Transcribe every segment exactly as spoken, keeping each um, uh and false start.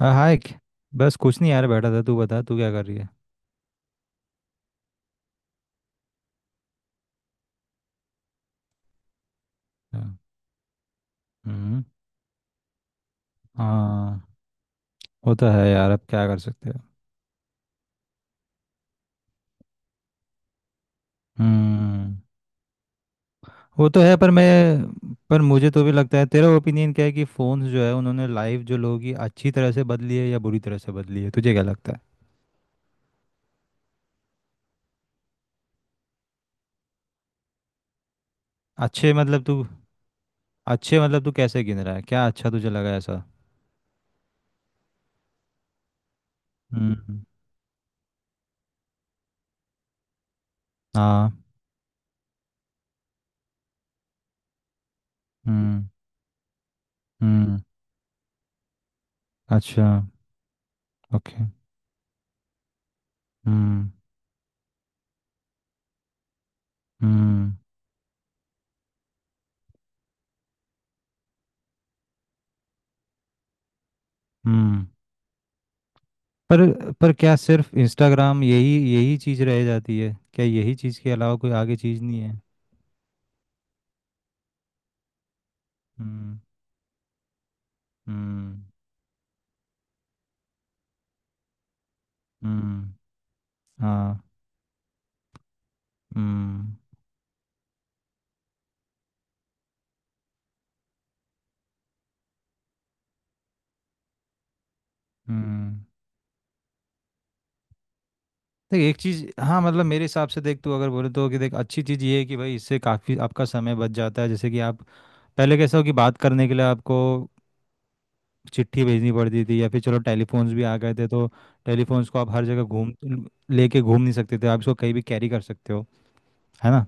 हाँ, हाय। क- बस कुछ नहीं यार, बैठा था। तू बता, तू क्या कर रही है? हाँ। हम्म। हाँ, वो तो है यार, अब क्या कर सकते हैं। हम्म। वो तो है पर मैं पर मुझे तो भी लगता है, तेरा ओपिनियन क्या है कि फ़ोन्स जो है उन्होंने लाइफ जो लोगों की, अच्छी तरह से बदली है या बुरी तरह से बदली है? तुझे क्या लगता है? अच्छे मतलब तू अच्छे मतलब तू कैसे गिन रहा है, क्या अच्छा तुझे लगा ऐसा? हम्म। हाँ। हम्म। हम्म। अच्छा। ओके। हम्म। हम्म। हम्म। पर पर क्या सिर्फ इंस्टाग्राम, यही यही चीज रह जाती है क्या? यही चीज के अलावा कोई आगे चीज नहीं है? हम्म। हम्म। हम्म। हाँ। हम्म। हम्म। देख एक चीज, हाँ मतलब मेरे हिसाब से देख, तू अगर बोले तो, कि देख अच्छी चीज ये है कि भाई इससे काफी आपका समय बच जाता है, जैसे कि आप पहले कैसा हो कि बात करने के लिए आपको चिट्ठी भेजनी पड़ती थी, या फिर चलो टेलीफोन्स भी आ गए थे, तो टेलीफोन्स को आप हर जगह घूम लेके घूम नहीं सकते थे। आप इसको कहीं भी कैरी कर सकते हो, है ना?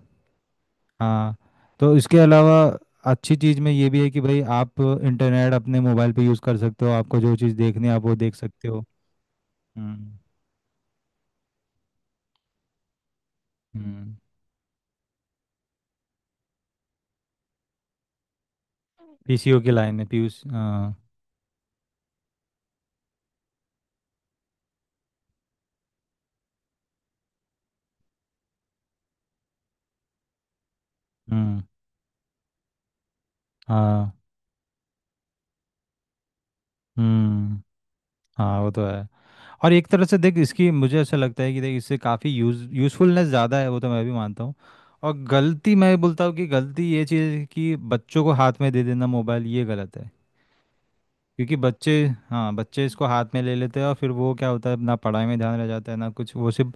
हाँ। तो इसके अलावा अच्छी चीज़ में ये भी है कि भाई आप इंटरनेट अपने मोबाइल पे यूज़ कर सकते हो, आपको जो चीज़ देखनी है आप वो देख सकते हो। हम्म। हम्म। पीसीओ की लाइन में, पीयूष। हाँ। हम्म। हाँ। हम्म। हाँ, वो तो है। और एक तरह से देख, इसकी मुझे ऐसा लगता है कि देख इससे काफ़ी यूज यूज़फुलनेस ज़्यादा है, वो तो मैं भी मानता हूँ। और गलती, मैं बोलता हूँ कि गलती ये चीज़ है कि बच्चों को हाथ में दे देना मोबाइल, ये गलत है। क्योंकि बच्चे हाँ, बच्चे इसको हाथ में ले लेते हैं और फिर वो क्या होता है ना, पढ़ाई में ध्यान रह जाता है ना कुछ। वो सिर्फ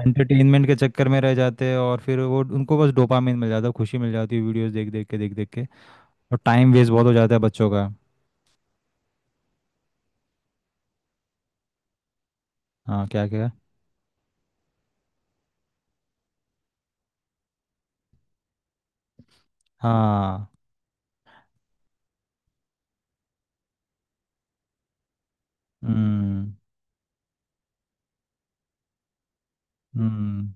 एंटरटेनमेंट के चक्कर में रह जाते हैं और फिर वो उनको बस डोपामिन मिल जाता है, खुशी मिल जाती है वीडियोस देख देख के देख देख के। और टाइम वेस्ट बहुत हो जाता है बच्चों का। हाँ, क्या क्या? हाँ। हम्म। हम्म।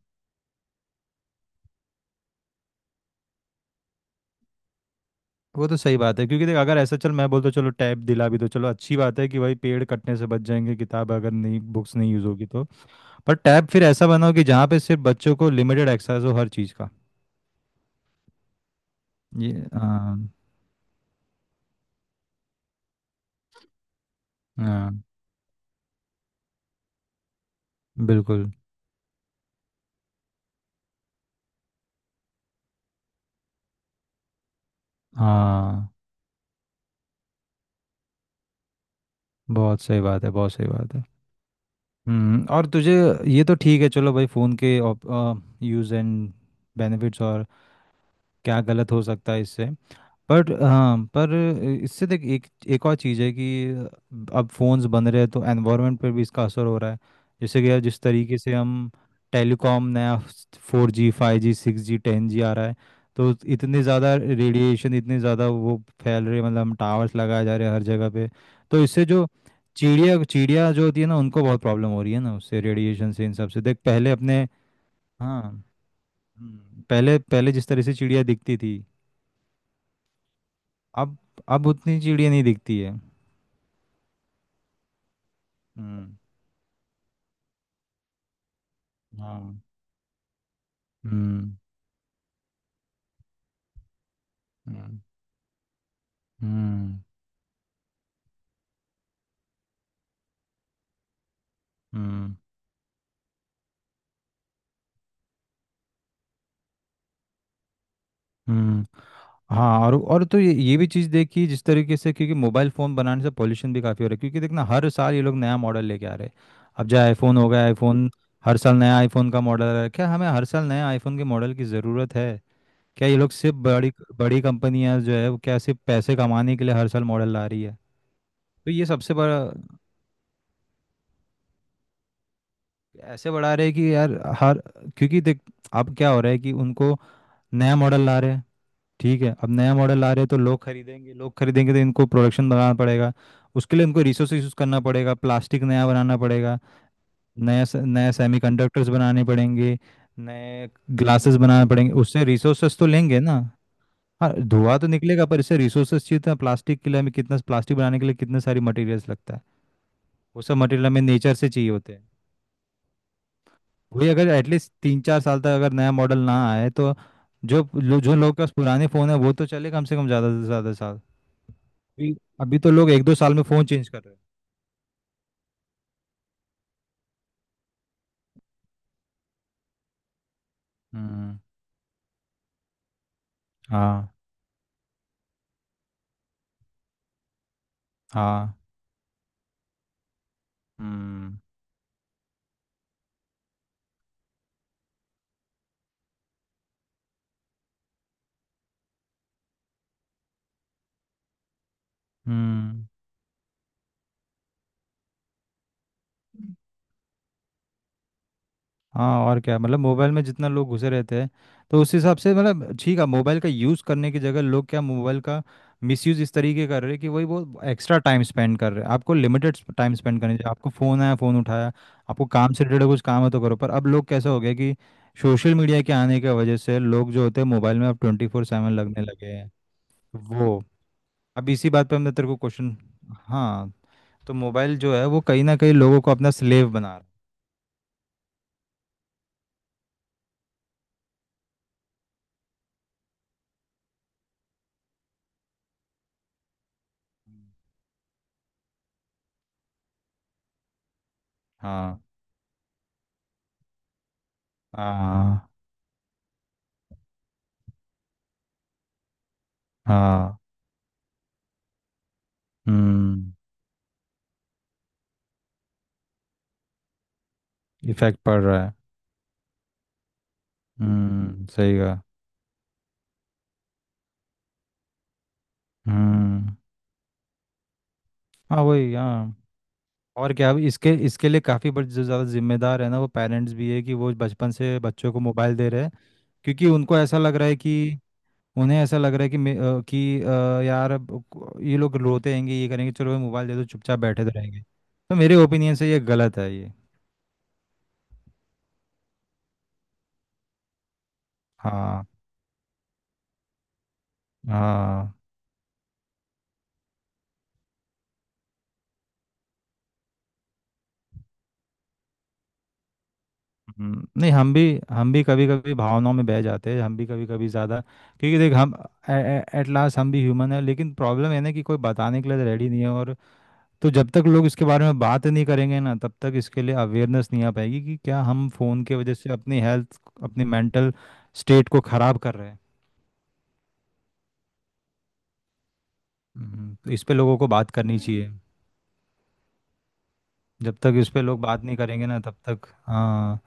वो तो सही बात है, क्योंकि देख अगर ऐसा चल मैं बोलता हूँ, चलो टैब दिला भी दो, चलो अच्छी बात है कि भाई पेड़ कटने से बच जाएंगे, किताब अगर नहीं, बुक्स नहीं यूज़ होगी तो। पर टैब फिर ऐसा बनाओ कि जहाँ पे सिर्फ बच्चों को लिमिटेड एक्सेस हो हर चीज़ का। ये... हाँ। हाँ। बिल्कुल। हाँ। बहुत सही बात है, बहुत सही बात है। हम्म, और तुझे... ये तो ठीक है, चलो भाई फ़ोन के यूज़ एंड बेनिफिट्स और क्या गलत हो सकता है इससे? बट हाँ, पर इससे देख एक... एक और चीज़ है कि अब फोन्स बन रहे हैं तो एनवायरनमेंट पर भी इसका असर हो रहा है, जैसे कि यार जिस तरीके से हम टेलीकॉम नया, four G five G six G ten G आ रहा है, तो इतने ज़्यादा रेडिएशन, इतने ज़्यादा वो फैल रहे, मतलब हम टावर्स लगाए जा रहे हैं हर जगह पे। तो इससे जो चिड़िया चिड़िया जो होती है ना उनको बहुत प्रॉब्लम हो रही है ना, उससे रेडिएशन से, इन सब से। देख पहले अपने... हाँ। हम्म, पहले पहले जिस तरह से चिड़िया दिखती थी, अब अब उतनी चिड़िया नहीं दिखती है। हम्म। हाँ। हम्म। हम्म। हम्म। हम्म। हम्म। हाँ, और और तो ये ये भी चीज़ देखी जिस तरीके से, क्योंकि मोबाइल फ़ोन बनाने से पॉल्यूशन भी काफ़ी हो रहा है, क्योंकि देखना हर साल ये लोग नया मॉडल लेके आ रहे हैं। अब चाहे आईफोन हो गया, आईफोन हर साल नया आईफोन का मॉडल आ रहा है। क्या हमें हर साल नया आईफोन के मॉडल की ज़रूरत है? क्या ये लोग सिर्फ बड़ी बड़ी कंपनियां जो है, वो क्या सिर्फ पैसे कमाने के लिए हर साल मॉडल ला रही है? तो ये सबसे बड़ा... ऐसे बढ़ा रहे हैं कि यार हर क्योंकि देख अब क्या हो रहा है कि उनको नया मॉडल ला रहे हैं, ठीक है अब नया मॉडल ला रहे हैं तो लोग खरीदेंगे, लोग खरीदेंगे तो इनको प्रोडक्शन बढ़ाना पड़ेगा, उसके लिए इनको रिसोर्स यूज़ करना पड़ेगा, प्लास्टिक नया बनाना पड़ेगा, नया से- नया सेमीकंडक्टर्स बनाने पड़ेंगे, नए ग्लासेस बनाने पड़ेंगे, उससे रिसोर्सेस तो लेंगे ना। हाँ, धुआं तो निकलेगा पर इससे रिसोर्सेस चाहिए था, प्लास्टिक के लिए हमें कितना प्लास्टिक बनाने के लिए कितने सारे मटेरियल्स लगता है, वो सब मटेरियल हमें नेचर से चाहिए होते हैं। वही, अगर एटलीस्ट तीन चार साल तक अगर नया मॉडल ना आए तो जो लो, जो लोग के पास पुराने फ़ोन है वो तो चले कम से कम ज़्यादा से ज़्यादा साल। अभी... अभी तो लोग एक दो साल में फ़ोन चेंज कर रहे हैं। हम्म। हाँ। हाँ। हम्म। हम्म। हाँ, और क्या, मतलब मोबाइल में जितना लोग घुसे रहते हैं, तो उस हिसाब से मतलब, ठीक है मोबाइल का यूज़ करने की जगह लोग क्या मोबाइल का मिसयूज़ इस तरीके कर रहे हैं कि वही वो एक्स्ट्रा टाइम स्पेंड कर रहे हैं। आपको लिमिटेड टाइम स्पेंड करने चाहिए, आपको फ़ोन आया फ़ोन उठाया, आपको काम से रिलेटेड कुछ काम है तो करो। पर अब लोग कैसा हो गया कि सोशल मीडिया के आने की वजह से लोग जो होते हैं मोबाइल में अब ट्वेंटी फोर सेवन लगने लगे हैं। वो... अब इसी बात पे हमने तेरे को क्वेश्चन... हाँ, तो मोबाइल जो है वो कहीं ना कहीं लोगों को अपना स्लेव बना रहा है। हाँ। हाँ। हाँ। हम्म। इफेक्ट पड़ रहा है। हम्म, सही कहा। हम्म। हाँ, वही हाँ। और क्या, अब इसके इसके लिए काफ़ी बड़ जो ज़्यादा जिम्मेदार है ना वो पेरेंट्स भी है कि वो बचपन से बच्चों को मोबाइल दे रहे हैं। क्योंकि उनको ऐसा लग रहा है कि उन्हें ऐसा लग रहा है कि मे- अ, कि अ, यार अब को- ये लोग रोते रहेंगे, ये करेंगे, चलो भाई मोबाइल दे दो चुपचाप बैठे तो रहेंगे। तो मेरे ओपिनियन से ये गलत है ये। हाँ। हाँ। हम्म, नहीं हम भी हम भी कभी कभी भावनाओं में बह जाते हैं, हम भी कभी कभी ज़्यादा, क्योंकि देख हम एट लास्ट हम भी ह्यूमन है। लेकिन प्रॉब्लम है ना कि कोई बताने के लिए रेडी नहीं है। और तो जब तक लोग इसके बारे में बात नहीं करेंगे ना, तब तक इसके लिए अवेयरनेस नहीं आ पाएगी कि क्या हम फ़ोन की वजह से अपनी हेल्थ, अपनी मेंटल स्टेट को ख़राब कर रहे हैं। हम्म, तो इस पे लोगों को बात करनी चाहिए। जब तक इस पे लोग बात नहीं करेंगे ना, तब तक। हाँ,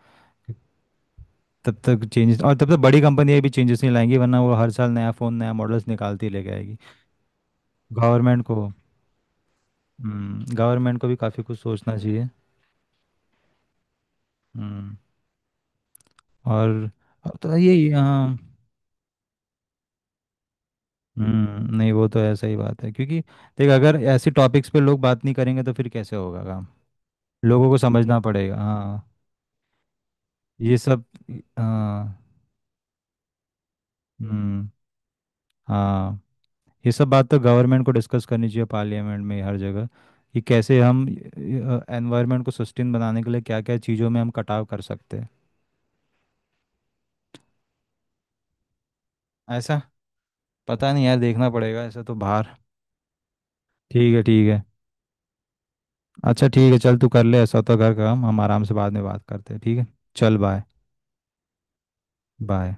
तब तक चेंजेस... और तब तक बड़ी कंपनियां भी चेंजेस नहीं लाएंगी, वरना वो हर साल नया फ़ोन नया मॉडल्स निकालती लेके आएगी। गवर्नमेंट को गवर्नमेंट को भी काफ़ी कुछ सोचना चाहिए। हम्म, और अब तो ये... हाँ। हम्म, नहीं वो तो ऐसा ही बात है, क्योंकि देख अगर ऐसे टॉपिक्स पे लोग बात नहीं करेंगे तो फिर कैसे होगा काम? लोगों को समझना पड़ेगा, हाँ। ये सब। हाँ। हम्म, हाँ। ये सब बात तो गवर्नमेंट को डिस्कस करनी चाहिए पार्लियामेंट में, हर जगह, कि कैसे हम एनवायरनमेंट को सस्टेन बनाने के लिए क्या क्या चीज़ों में हम कटाव कर सकते हैं। ऐसा... पता नहीं यार, देखना पड़ेगा ऐसा तो बाहर। ठीक है, ठीक है। अच्छा ठीक है, चल तू कर ले ऐसा तो घर का काम, हम आराम से बाद में बात करते हैं, ठीक है। चल बाय। बाय।